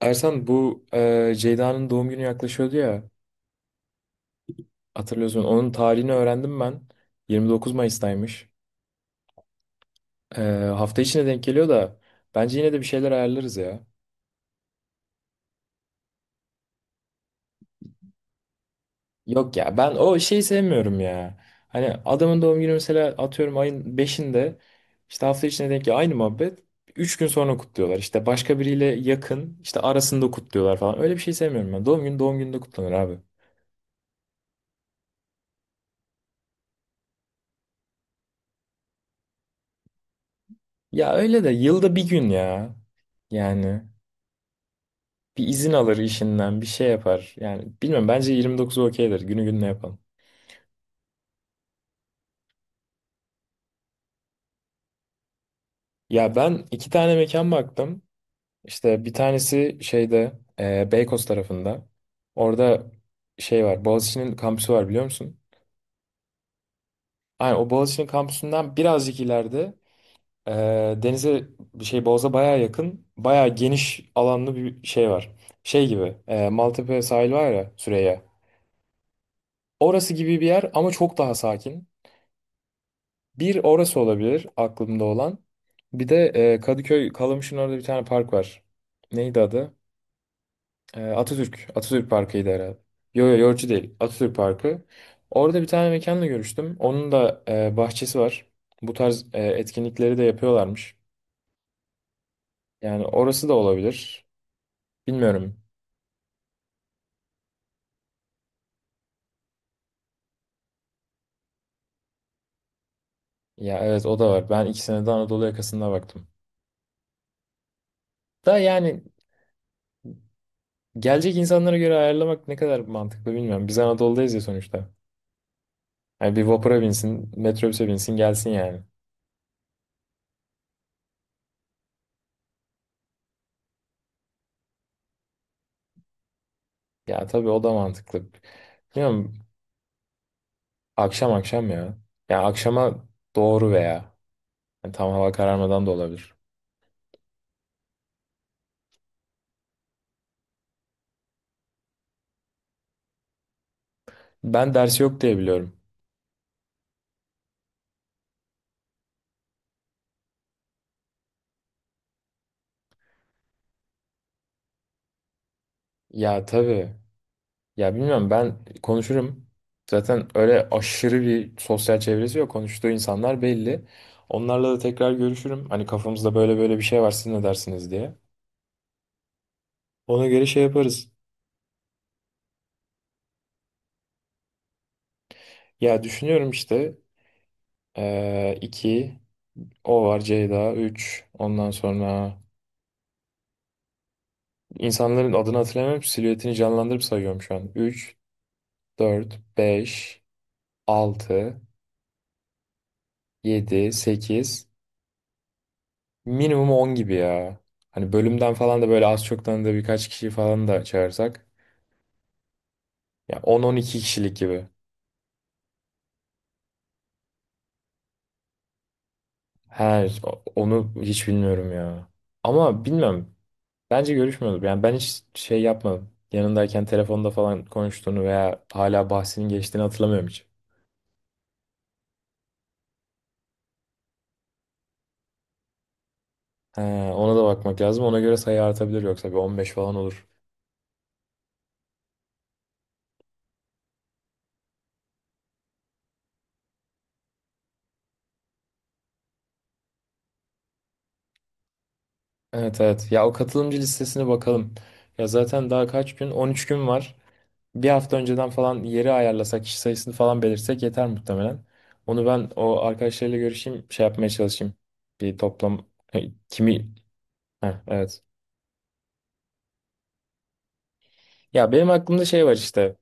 Ersan, bu Ceyda'nın doğum günü yaklaşıyordu ya, hatırlıyorsun. Onun tarihini öğrendim ben. 29 Mayıs'taymış. E, Hafta içine denk geliyor da bence yine de bir şeyler ayarlarız ya. Yok ya, ben o şeyi sevmiyorum ya. Hani adamın doğum günü mesela atıyorum ayın beşinde, işte hafta içine denk geliyor, aynı muhabbet. Üç gün sonra kutluyorlar, işte başka biriyle yakın işte arasında kutluyorlar falan. Öyle bir şey sevmiyorum ben, doğum günü doğum gününde kutlanır abi. Ya öyle de yılda bir gün ya, yani. Bir izin alır işinden, bir şey yapar. Yani bilmiyorum, bence 29'u okeydir. Günü gününe yapalım. Ya, ben iki tane mekan baktım. İşte bir tanesi şeyde Beykoz tarafında. Orada şey var. Boğaziçi'nin kampüsü var, biliyor musun? Aynen, o Boğaziçi'nin kampüsünden birazcık ileride e, denize, bir şey, Boğaz'a bayağı yakın. Bayağı geniş alanlı bir şey var. Şey gibi, Maltepe sahil var ya, Süreyya. Orası gibi bir yer ama çok daha sakin. Bir, orası olabilir aklımda olan. Bir de Kadıköy Kalamış'ın orada bir tane park var. Neydi adı? Atatürk. Atatürk Parkı'ydı herhalde. Yo yo, Yorucu değil. Atatürk Parkı. Orada bir tane mekanla görüştüm. Onun da bahçesi var. Bu tarz etkinlikleri de yapıyorlarmış. Yani orası da olabilir. Bilmiyorum. Ya evet, o da var. Ben ikisine de Anadolu yakasında baktım. Da yani, gelecek insanlara göre ayarlamak ne kadar mantıklı, bilmiyorum. Biz Anadolu'dayız ya sonuçta. Yani bir vapura binsin, metrobüse binsin, gelsin yani. Ya tabii, o da mantıklı. Bilmiyorum, akşam akşam ya. Ya akşama doğru veya yani tam hava kararmadan da olabilir. Ben dersi yok diye biliyorum. Ya tabii. Ya bilmiyorum, ben konuşurum. Zaten öyle aşırı bir sosyal çevresi yok. Konuştuğu insanlar belli. Onlarla da tekrar görüşürüm. Hani kafamızda böyle böyle bir şey var, siz ne dersiniz diye. Ona göre şey yaparız. Ya düşünüyorum işte, 2. O var, Ceyda üç. Ondan sonra insanların adını hatırlamıyorum. Silüetini canlandırıp sayıyorum şu an. 3, 4, 5, 6, 7, sekiz. Minimum 10 gibi ya. Hani bölümden falan da böyle az çok tanıdığı birkaç kişiyi falan da çağırsak. Ya on-on iki kişilik gibi. Her, onu hiç bilmiyorum ya. Ama bilmem. Bence görüşmüyordur. Yani ben hiç şey yapmadım. Yanındayken telefonda falan konuştuğunu veya hala bahsinin geçtiğini hatırlamıyorum hiç. He, ona da bakmak lazım. Ona göre sayı artabilir, yoksa bir 15 falan olur. Evet evet. Ya o katılımcı listesine bakalım. Ya zaten daha kaç gün? 13 gün var. Bir hafta önceden falan yeri ayarlasak, kişi sayısını falan belirsek yeter muhtemelen. Onu ben o arkadaşlarıyla görüşeyim, şey yapmaya çalışayım. Bir toplam, e, kimi. Heh, evet. Ya benim aklımda şey var işte.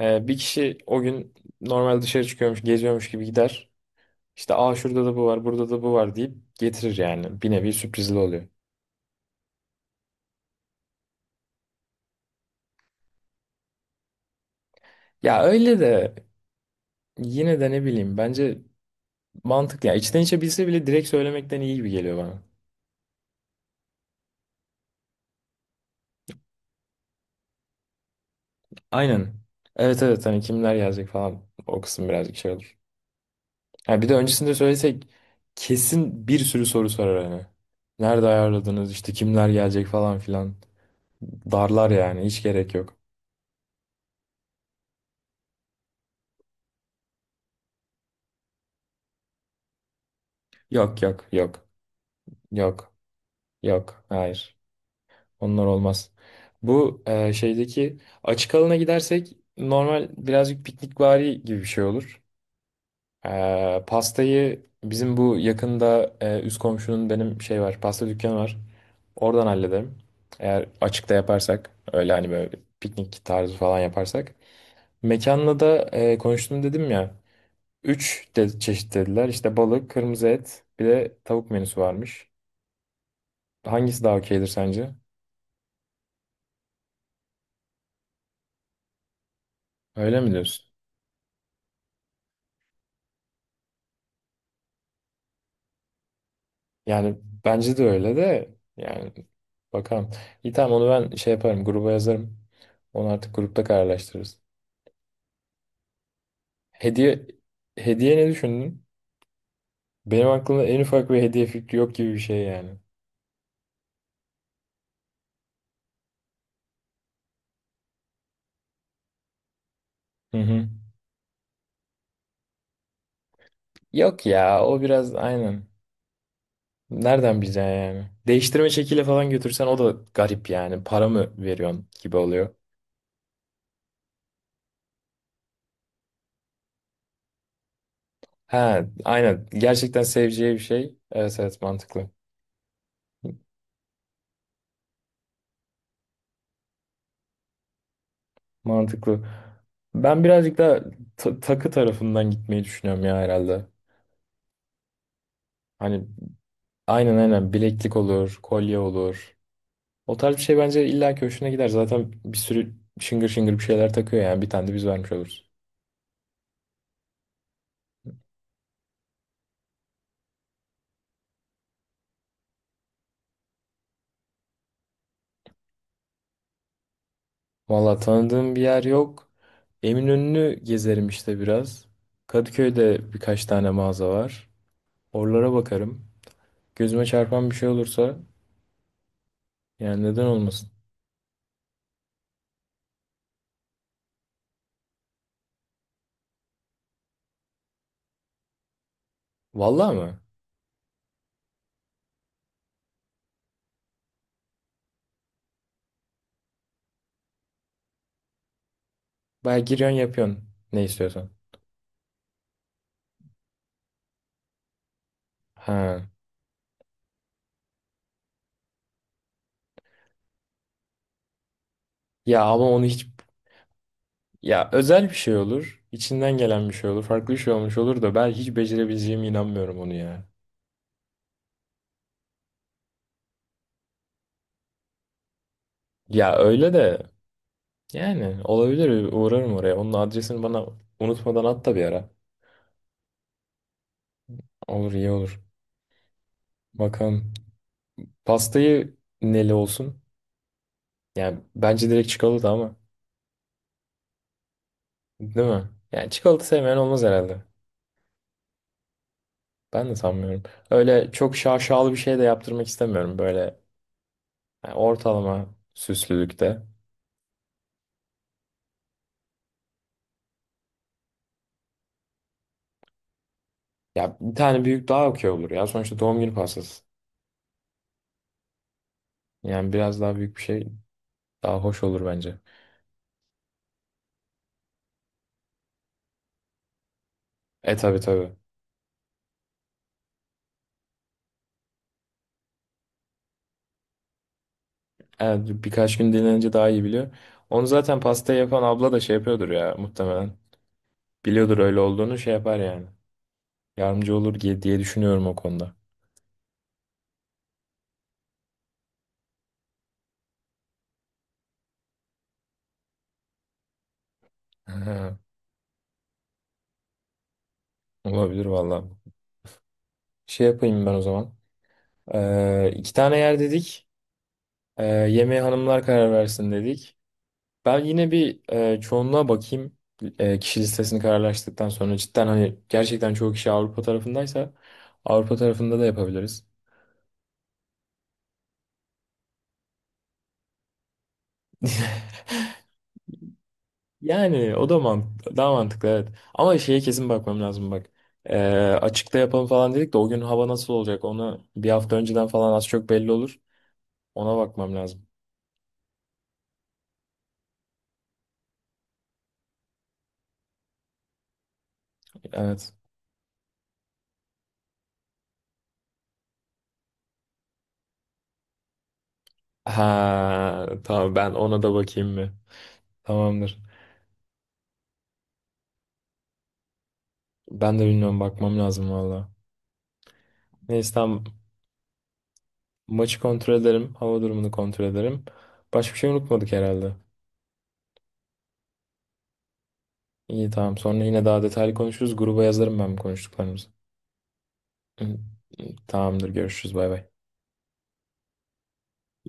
Bir kişi o gün normal dışarı çıkıyormuş, geziyormuş gibi gider. İşte aa şurada da bu var, burada da bu var deyip getirir yani. Bir nevi sürprizli oluyor. Ya öyle de yine de ne bileyim, bence mantıklı. Ya içten içe bilse bile direkt söylemekten iyi gibi geliyor bana. Aynen. Evet evet, hani kimler gelecek falan, o kısım birazcık şey olur. Ha bir de öncesinde söylesek kesin bir sürü soru sorar hani. Nerede ayarladınız, işte kimler gelecek falan filan. Darlar yani, hiç gerek yok. Yok yok yok yok yok, hayır, onlar olmaz. Bu şeydeki açık alana gidersek normal birazcık piknikvari gibi bir şey olur. Pastayı bizim bu yakında, üst komşunun, benim şey var, pasta dükkanı var. Oradan hallederim. Eğer açıkta yaparsak öyle hani böyle piknik tarzı falan yaparsak. Mekanla da konuştum dedim ya. Üç de çeşit dediler. İşte balık, kırmızı et, bir de tavuk menüsü varmış. Hangisi daha okeydir sence? Öyle mi diyorsun? Yani bence de öyle de, yani bakalım. İyi tamam, onu ben şey yaparım, gruba yazarım. Onu artık grupta kararlaştırırız. Hediye hediye ne düşündün? Benim aklımda en ufak bir hediye fikri yok gibi bir şey yani. Hı hı. Yok ya, o biraz aynen. Nereden bileceksin yani? Değiştirme çekiyle falan götürsen o da garip yani. Para mı veriyorsun gibi oluyor. Ha aynen. Gerçekten seveceği bir şey. Evet evet, mantıklı. Mantıklı. Ben birazcık daha takı tarafından gitmeyi düşünüyorum ya, herhalde. Hani aynen aynen, bileklik olur, kolye olur. O tarz bir şey bence illa ki hoşuna gider. Zaten bir sürü şıngır şıngır bir şeyler takıyor yani. Bir tane de biz vermiş oluruz. Valla tanıdığım bir yer yok. Eminönü'nü gezerim işte biraz. Kadıköy'de birkaç tane mağaza var. Oralara bakarım. Gözüme çarpan bir şey olursa, yani neden olmasın? Valla mı? Baya giriyorsun, yapıyorsun ne istiyorsan. Ha. Ya ama onu hiç, ya özel bir şey olur. İçinden gelen bir şey olur. Farklı bir şey olmuş olur da ben hiç becerebileceğime inanmıyorum onu ya. Ya öyle de, yani olabilir, uğrarım oraya. Onun adresini bana unutmadan at da bir ara. Olur, iyi olur. Bakalım. Pastayı neli olsun? Yani bence direkt çikolata ama. Değil mi? Yani çikolata sevmeyen olmaz herhalde. Ben de sanmıyorum. Öyle çok şaşalı bir şey de yaptırmak istemiyorum. Böyle yani ortalama süslülükte. Ya bir tane büyük daha okey olur ya. Sonuçta doğum günü pastası. Yani biraz daha büyük bir şey daha hoş olur bence. E tabii tabii. Evet, birkaç gün dinlenince daha iyi biliyor. Onu zaten pasta yapan abla da şey yapıyordur ya muhtemelen. Biliyordur öyle olduğunu, şey yapar yani. Yardımcı olur diye diye düşünüyorum o konuda. Aha. Olabilir valla. Şey yapayım ben o zaman. İki tane yer dedik. Yemeği hanımlar karar versin dedik. Ben yine bir çoğunluğa bakayım. Kişi listesini kararlaştıktan sonra cidden, hani gerçekten çoğu kişi Avrupa tarafındaysa Avrupa tarafında da yapabiliriz. Yani o da mantıklı, daha mantıklı, evet. Ama şeye kesin bakmam lazım, bak. Ee, Açıkta yapalım falan dedik de, o gün hava nasıl olacak, onu bir hafta önceden falan az çok belli olur. Ona bakmam lazım. Evet. Ha tamam, ben ona da bakayım mı? Tamamdır. Ben de bilmiyorum, bakmam lazım valla. Neyse tamam, maçı kontrol ederim. Hava durumunu kontrol ederim. Başka bir şey unutmadık herhalde. İyi tamam, sonra yine daha detaylı konuşuruz. Gruba yazarım ben bu konuştuklarımızı. Hı, hı. Tamamdır, görüşürüz, bay bay.